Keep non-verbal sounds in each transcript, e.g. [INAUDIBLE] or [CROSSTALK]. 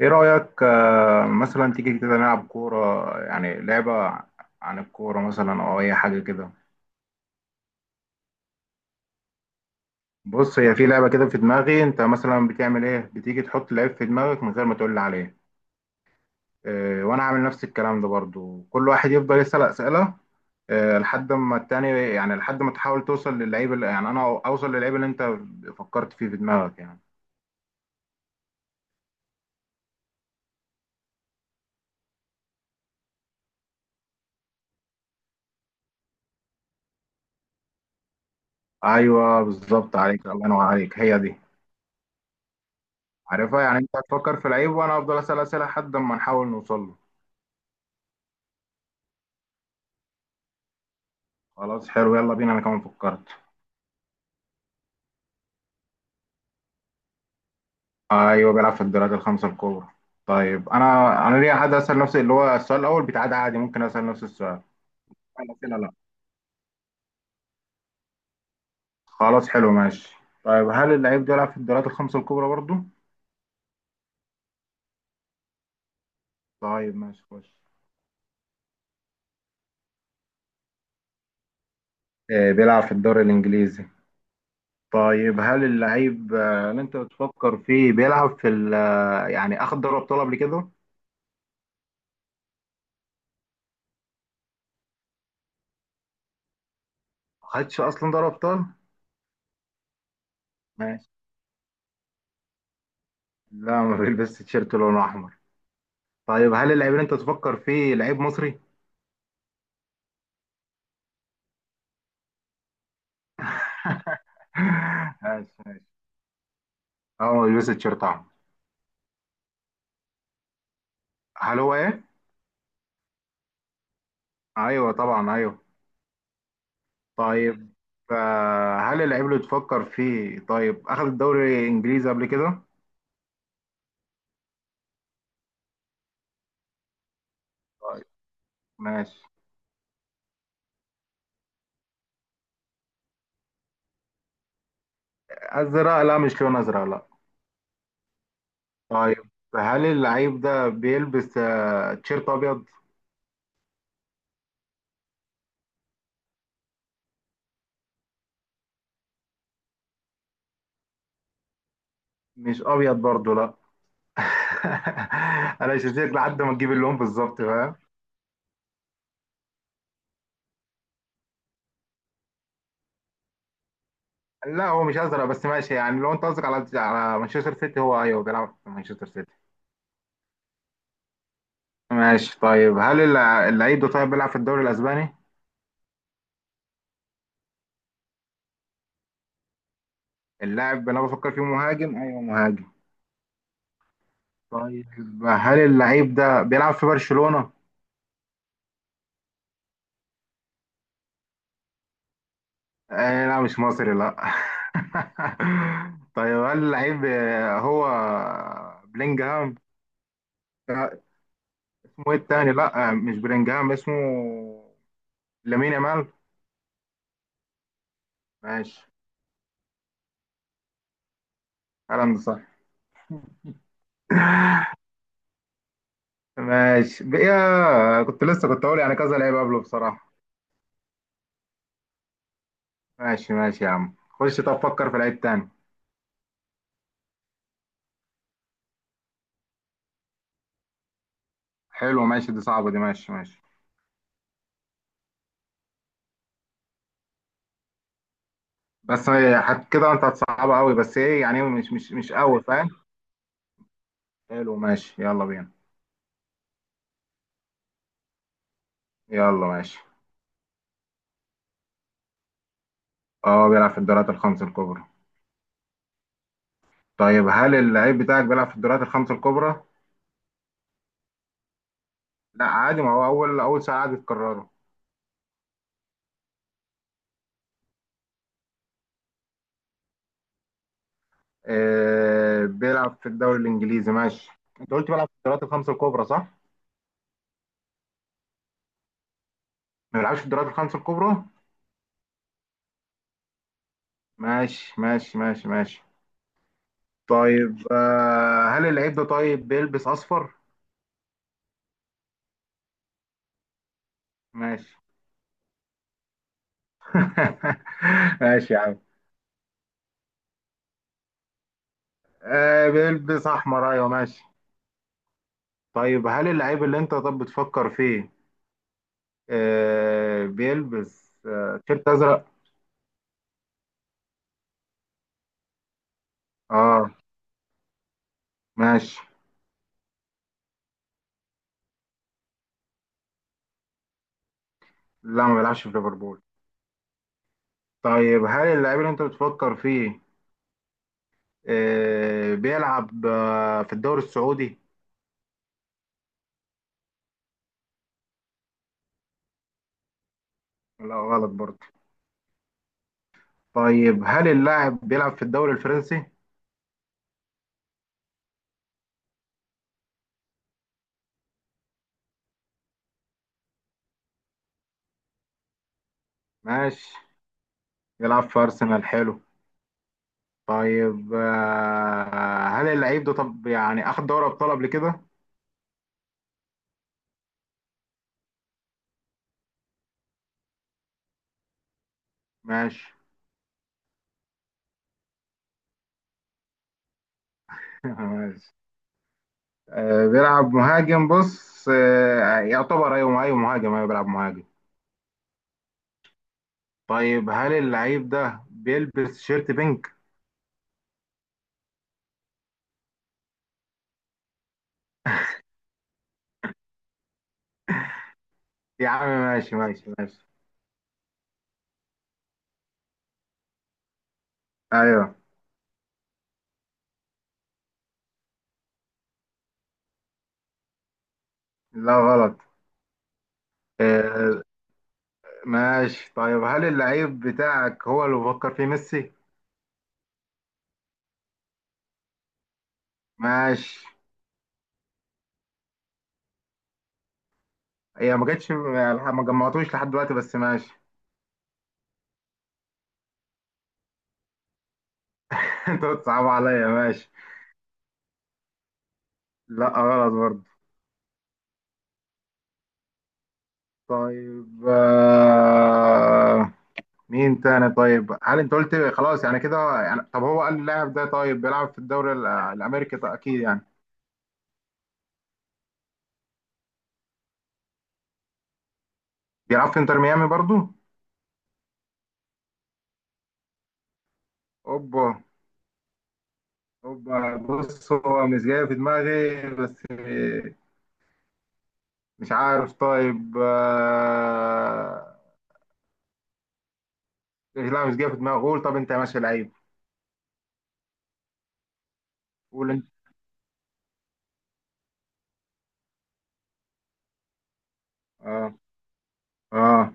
ايه رأيك؟ مثلا تيجي كده نلعب كورة، يعني لعبة عن الكورة مثلا او اي حاجة كده. بص، هي في لعبة كده في دماغي. انت مثلا بتعمل ايه؟ بتيجي تحط لعيب في دماغك من غير ما تقول لي عليه. إيه، وانا عامل نفس الكلام ده برضو. كل واحد يفضل يسأل أسئلة، إيه، لحد ما التاني، يعني لحد ما تحاول توصل للعيب يعني انا اوصل للعيب اللي انت فكرت فيه في دماغك يعني. ايوه بالظبط، عليك الله، ينور عليك، هي دي، عارفها يعني. انت هتفكر في لعيب وانا افضل اسأل أسئلة لحد ما نحاول نوصل له. خلاص، حلو، يلا بينا. انا كمان فكرت. ايوه، بيلعب في الدوريات الخمسه الكبرى. طيب، انا ليه عادي اسال نفسي، اللي هو السؤال الاول بتاع ده، عادي ممكن اسال نفس السؤال. لا، لا، لا. خلاص، حلو، ماشي. طيب، هل اللعيب ده بيلعب في الدوريات الخمسه الكبرى برضو؟ طيب، ماشي، خش. بيلعب في الدوري الانجليزي. طيب، هل اللعيب اللي انت بتفكر فيه بيلعب في ال آه، يعني اخد دوري ابطال قبل كده؟ ما خدش اصلا دوري ابطال. ماشي. لا، ما بيلبس تيشيرت لونه احمر. طيب، هل اللعيب اللي انت تفكر فيه لعيب مصري؟ [LAUGHS] ماشي، ماشي. هو بيلبس التيشيرت احمر. هل هو ايه؟ ايوه طبعا، ايوه. طيب، هل اللعيب اللي تفكر فيه طيب اخذ الدوري الانجليزي قبل كده؟ طيب، ماشي. ازرق؟ لا، مش لون ازرق، لا. طيب، هل اللعيب ده بيلبس تيشيرت ابيض؟ مش ابيض برضه، لا. [LAUGHS] انا مش هسيبك لحد ما تجيب اللون بالظبط، فاهم؟ لا، هو مش ازرق بس ماشي يعني، لو انت قصدك على مانشستر سيتي، هو ايوه بيلعب في مانشستر سيتي. ماشي. طيب، هل اللعيب ده طيب بيلعب في الدوري الاسباني؟ اللاعب اللي انا بفكر فيه مهاجم، ايوه مهاجم. طيب، هل اللعيب ده بيلعب في برشلونة؟ آه لا، مش مصري، لا. [LAUGHS] طيب، هل اللعيب هو بلينجهام؟ آه، اسمه ايه التاني؟ لا، مش بلينجهام، اسمه لامين يامال. ماشي، كلام صح. ماشي بقى، كنت لسه كنت اقول يعني كذا لعيب قبله بصراحة. ماشي ماشي يا عم، خش، طب فكر في لعيب تاني. حلو، ماشي. دي صعبة دي. ماشي ماشي. بس هي كده انت هتصعبها قوي، بس ايه يعني مش قوي فاهم. حلو، ماشي، يلا بينا. يلا، ماشي. اه، بيلعب في الدوريات الخمس الكبرى. طيب، هل اللعيب بتاعك بيلعب في الدوريات الخمس الكبرى؟ لا عادي، ما هو اول سؤال عادي تكرره. آه، بيلعب في الدوري الانجليزي، ماشي. انت قلت بيلعب في الدوريات الخمس الكبرى، صح؟ ما بيلعبش في الدوريات الخمس الكبرى؟ ماشي، ماشي، ماشي، ماشي. طيب، هل اللعيب ده طيب بيلبس اصفر؟ ماشي. [LAUGHS] ماشي يا عم. آه، بيلبس احمر، ايوه، ماشي. طيب، هل اللعيب اللي انت طب بتفكر فيه بيلبس تيشيرت ازرق؟ اه، ماشي. لا، ما بيلعبش في ليفربول. طيب، هل اللعيب اللي انت بتفكر فيه بيلعب في الدوري السعودي؟ لا، غلط برضه. طيب، هل اللاعب بيلعب في الدوري الفرنسي؟ ماشي. بيلعب في ارسنال، حلو. طيب، هل اللعيب ده طب يعني اخد دوري ابطال قبل كده؟ ماشي. [LAUGHS] ماشي. آه، بيلعب مهاجم، بص، يعتبر، ايوه ايوه، مهاجم، ايوه بيلعب مهاجم. طيب، هل اللعيب ده بيلبس شيرت بينك؟ يا عم، ماشي ماشي ماشي. ايوه. لا، غلط. آه، ماشي. طيب، هل اللعيب بتاعك هو اللي بفكر فيه ميسي؟ ماشي. هي ما جاتش، ما جمعتوش لحد دلوقتي، بس ماشي. [LAUGHS] انت بتصعب عليا، ماشي. لا، غلط برضه. طيب. مين تاني؟ طيب، هل انت قلت خلاص يعني كده يعني طب هو قال اللاعب ده طيب بيلعب في الدوري الامريكي؟ طيب، اكيد يعني. بيلعب في انتر ميامي برضو. اوبا. اوبا، بص هو مش جاي في دماغي بس. مش عارف. طيب، لا مش جاي في دماغي. قول، طب انت يا ماشي لعيب. قول انت. اه، اه.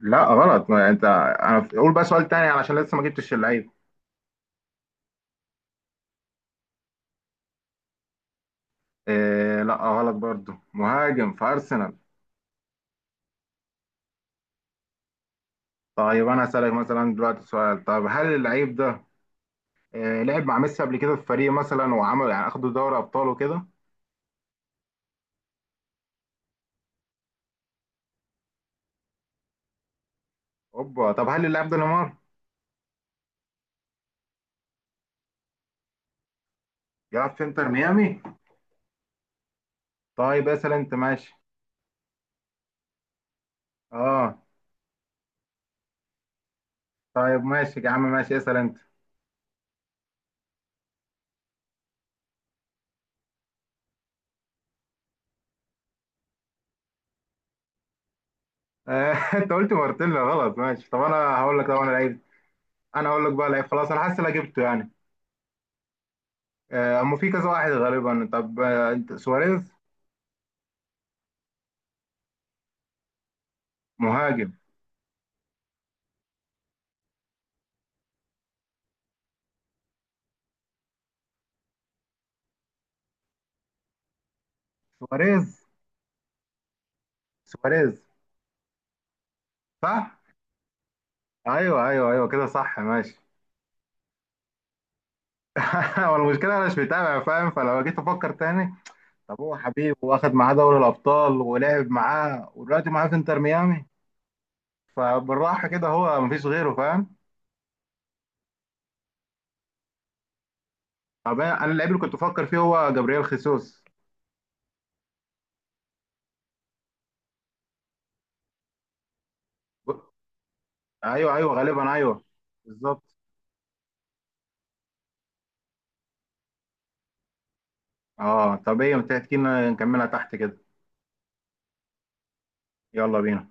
لا غلط. ما انت انا، قول بقى سؤال تاني علشان لسه ما جبتش اللعيب. آه لا غلط برضو، مهاجم في ارسنال. طيب، انا هسألك مثلا دلوقتي سؤال. طب، هل اللعيب ده لعب مع ميسي قبل كده في فريق مثلا وعمل يعني اخدوا دوري ابطال وكده؟ اوبا. طب، هل اللاعب ده نيمار؟ بيلعب في انتر ميامي. طيب، اسأل انت، ماشي. اه. طيب، ماشي يا عم، ماشي، اسأل انت. [LAUGHS] انت قلت مارتيلا غلط، ماشي. طب، انا هقول لك. طب، انا لعيب. انا هقول لك بقى لعيب. خلاص، انا حاسس إن انا جبته يعني. اما في كذا واحد غالبا. طب، انت سواريز؟ مهاجم. سواريز. سواريز. صح، ايوه ايوه ايوه كده صح، ماشي. [LAUGHS] هو المشكله انا مش متابع فاهم، فلو جيت افكر تاني. طب، هو حبيب، واخد معاه دوري الابطال ولعب معاه ودلوقتي معاه في انتر ميامي. فبالراحه كده هو مفيش غيره، فاهم. طب، انا اللعيب اللي كنت بفكر فيه هو جابرييل خيسوس. ب- ايوه ايوه غالبا، ايوه بالظبط. اه، طب ايه، ما تحكي لنا نكملها تحت كده. يلا بينا.